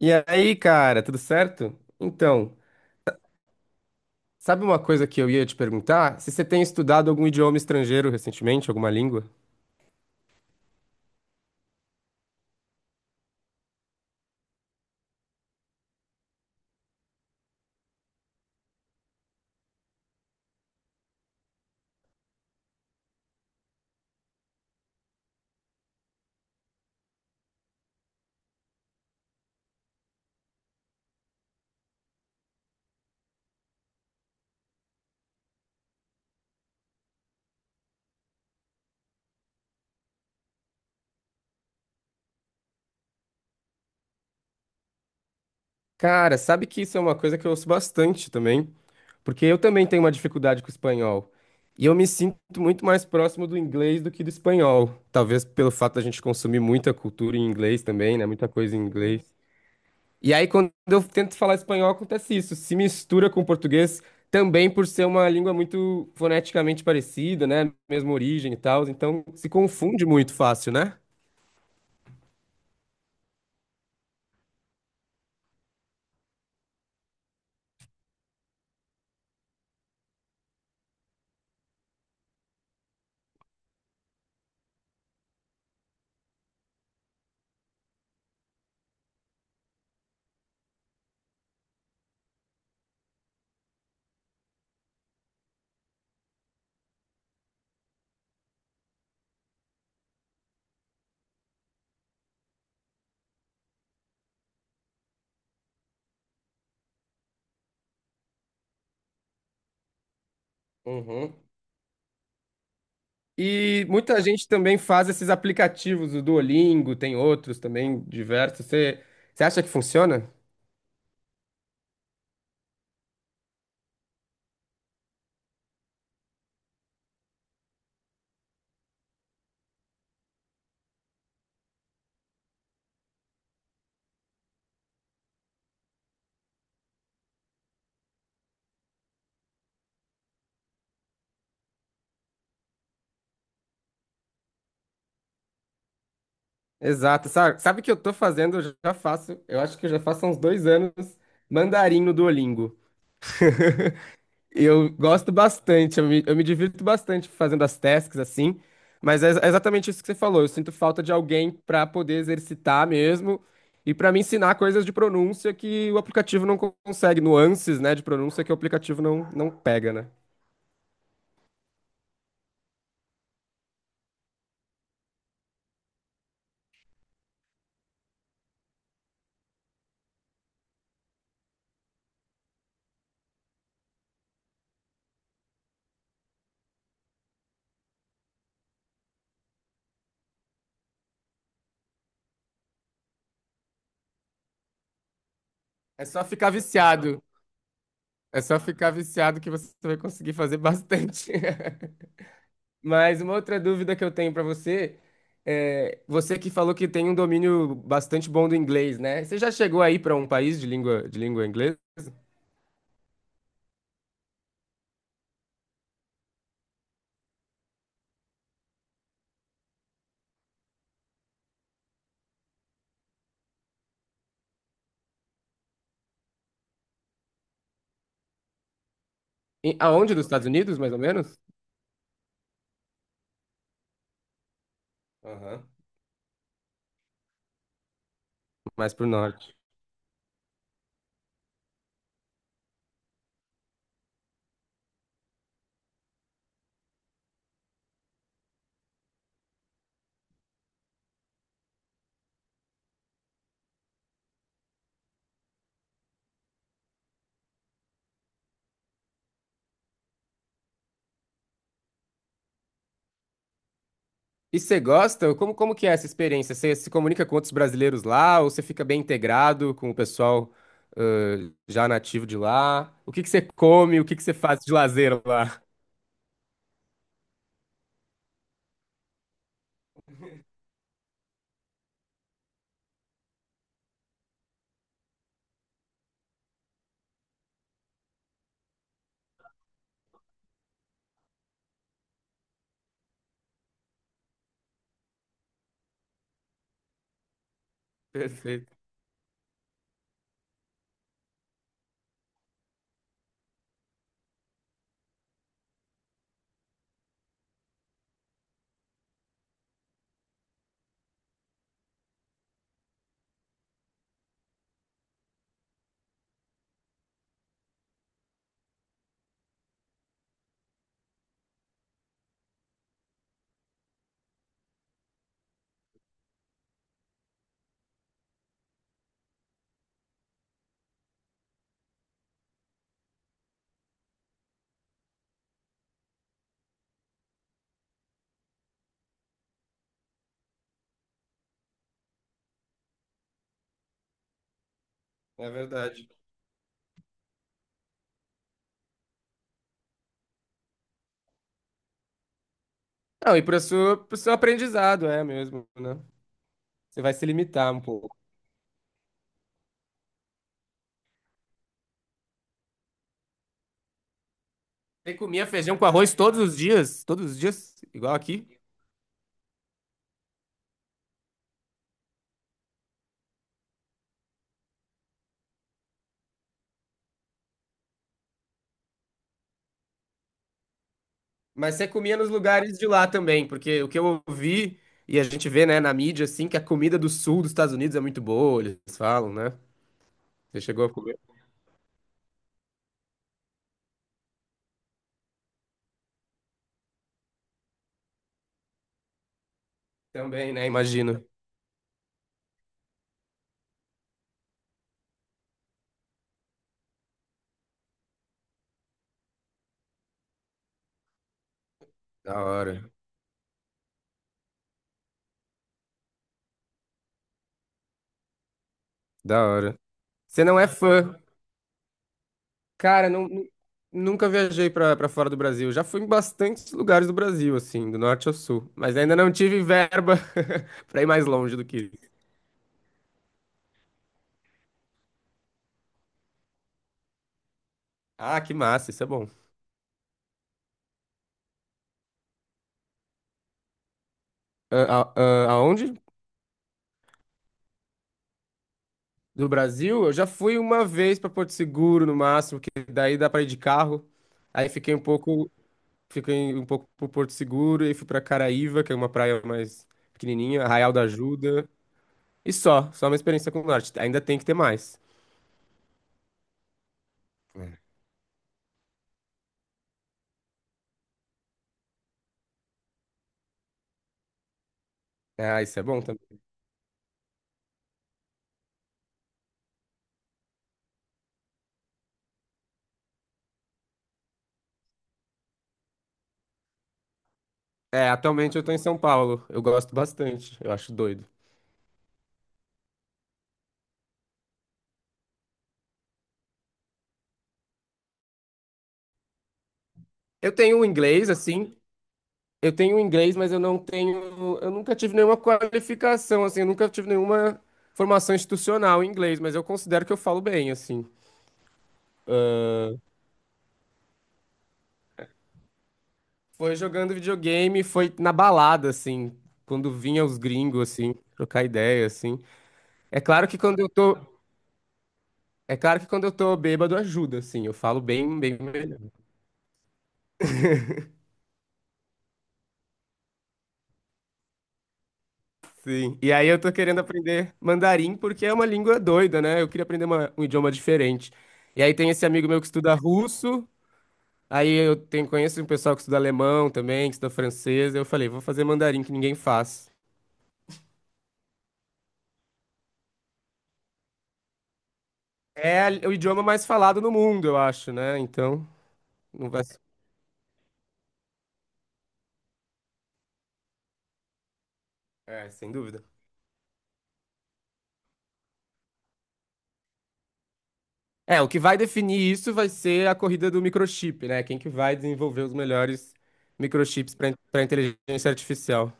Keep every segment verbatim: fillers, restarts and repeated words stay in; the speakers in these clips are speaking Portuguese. E aí, cara, tudo certo? Então, sabe uma coisa que eu ia te perguntar? Se você tem estudado algum idioma estrangeiro recentemente, alguma língua? Cara, sabe que isso é uma coisa que eu ouço bastante também, porque eu também tenho uma dificuldade com o espanhol. E eu me sinto muito mais próximo do inglês do que do espanhol. Talvez pelo fato da gente consumir muita cultura em inglês também, né? Muita coisa em inglês. E aí, quando eu tento falar espanhol, acontece isso. Se mistura com o português, também por ser uma língua muito foneticamente parecida, né? Mesma origem e tal. Então, se confunde muito fácil, né? Uhum. E muita gente também faz esses aplicativos, o Duolingo, tem outros também diversos. Você, você acha que funciona? Exato. Sabe, sabe o que eu tô fazendo? Eu já faço, eu acho que eu já faço há uns dois anos mandarim no Duolingo. Eu gosto bastante, eu me, eu me divirto bastante fazendo as tasks assim, mas é ex- é exatamente isso que você falou. Eu sinto falta de alguém para poder exercitar mesmo e para me ensinar coisas de pronúncia que o aplicativo não con- consegue, nuances, né, de pronúncia que o aplicativo não, não pega, né? É só ficar viciado. É só ficar viciado que você vai conseguir fazer bastante. Mas uma outra dúvida que eu tenho para você é, você que falou que tem um domínio bastante bom do inglês, né? Você já chegou aí para um país de língua de língua inglesa? Em- aonde? Dos Estados Unidos, mais ou menos? Aham. Mais pro norte. E você gosta? Como, como que é essa experiência? Você se comunica com outros brasileiros lá ou você fica bem integrado com o pessoal ãh, já nativo de lá? O que que você come? O que que você faz de lazer lá? Perfeito. É verdade. Não, e para o seu, pro seu aprendizado, é mesmo, né? Você vai se limitar um pouco. Você comia feijão com arroz todos os dias? Todos os dias? Igual aqui? Mas você comia nos lugares de lá também, porque o que eu ouvi e a gente vê, né, na mídia, assim, que a comida do sul dos Estados Unidos é muito boa, eles falam, né? Você chegou a comer? Também, né? Imagino. Da hora. Da hora. Você não é fã? Cara, não, nu- nunca viajei pra, pra fora do Brasil. Já fui em bastantes lugares do Brasil, assim, do norte ao sul. Mas ainda não tive verba pra ir mais longe do que isso. Ah, que massa, isso é bom. a- a- Aonde? Do Brasil? Eu já fui uma vez para Porto Seguro, no máximo, que daí dá para ir de carro. Aí fiquei um pouco, fiquei um pouco por Porto Seguro e fui para Caraíva, que é uma praia mais pequenininha, Arraial da Ajuda. E só, só uma experiência com o norte. Ainda tem que ter mais. É, ah, isso é bom também. É, atualmente eu tô em São Paulo. Eu gosto bastante. Eu acho doido. Eu tenho um inglês, assim, Eu tenho um inglês, mas eu não tenho. Eu nunca tive nenhuma qualificação, assim, eu nunca tive nenhuma formação institucional em inglês, mas eu considero que eu falo bem, assim. Foi jogando videogame, foi na balada, assim, quando vinha os gringos, assim, trocar ideia, assim. É claro que quando eu tô. É claro que quando eu tô bêbado ajuda, assim, eu falo bem, bem melhor. Sim. E aí eu tô querendo aprender mandarim porque é uma língua doida, né? Eu queria aprender uma- um idioma diferente. E aí tem esse amigo meu que estuda russo. Aí eu tenho, conheço um pessoal que estuda alemão também, que estuda francês. Eu falei, vou fazer mandarim que ninguém faz. É o idioma mais falado no mundo, eu acho, né? Então, não vai. ser- É, sem dúvida. É, o que vai definir isso vai ser a corrida do microchip, né? Quem que vai desenvolver os melhores microchips para para inteligência artificial.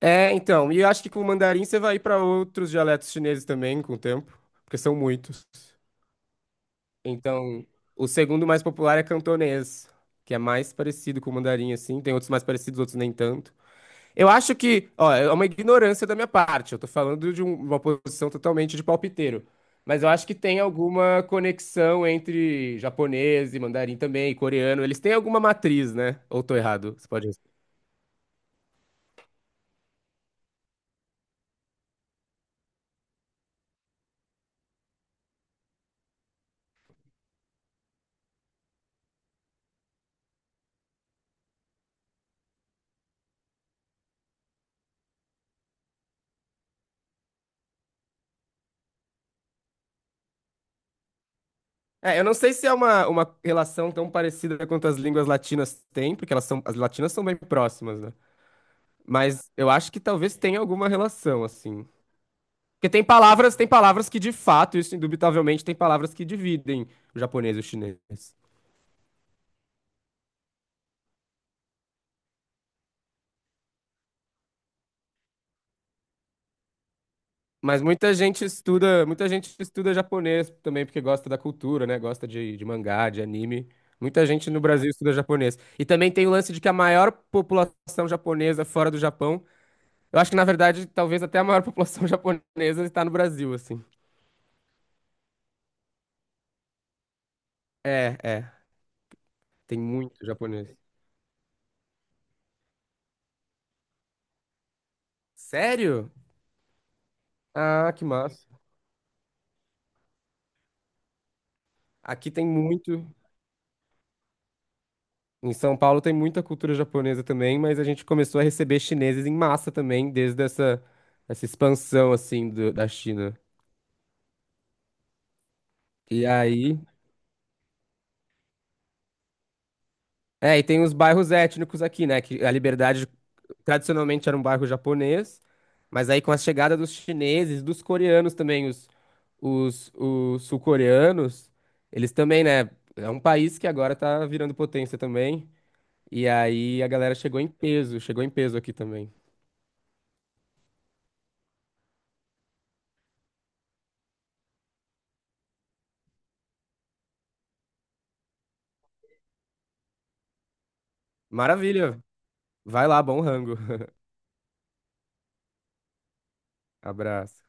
É, então, e eu acho que com o mandarim você vai ir para outros dialetos chineses também com o tempo, porque são muitos. Então, o segundo mais popular é cantonês, que é mais parecido com o mandarim, assim. Tem outros mais parecidos, outros nem tanto. Eu acho que, ó, é uma ignorância da minha parte. Eu tô falando de um- uma posição totalmente de palpiteiro. Mas eu acho que tem alguma conexão entre japonês e mandarim também, e coreano. Eles têm alguma matriz, né? Ou tô errado? Você pode. É, eu não sei se é uma, uma relação tão parecida quanto as línguas latinas têm, porque elas são, as latinas são bem próximas, né? Mas eu acho que talvez tenha alguma relação, assim. Porque tem palavras, tem palavras que de fato, isso indubitavelmente, tem palavras que dividem o japonês e o chinês. Mas muita gente estuda, muita gente estuda japonês também porque gosta da cultura, né? Gosta de, de mangá, de anime. Muita gente no Brasil estuda japonês. E também tem o lance de que a maior população japonesa fora do Japão, eu acho que na verdade talvez até a maior população japonesa está no Brasil, assim. É, é. Tem muito japonês. Sério? Ah, que massa. Aqui tem muito. Em São Paulo tem muita cultura japonesa também, mas a gente começou a receber chineses em massa também, desde essa, essa expansão, assim, do- da China. E aí... É, e tem os bairros étnicos aqui, né? Que a Liberdade tradicionalmente era um bairro japonês, mas aí com a chegada dos chineses, dos coreanos também, os, os, os sul-coreanos, eles também, né? É um país que agora tá virando potência também. E aí a galera chegou em peso, chegou em peso aqui também. Maravilha! Vai lá, bom rango. Abraço.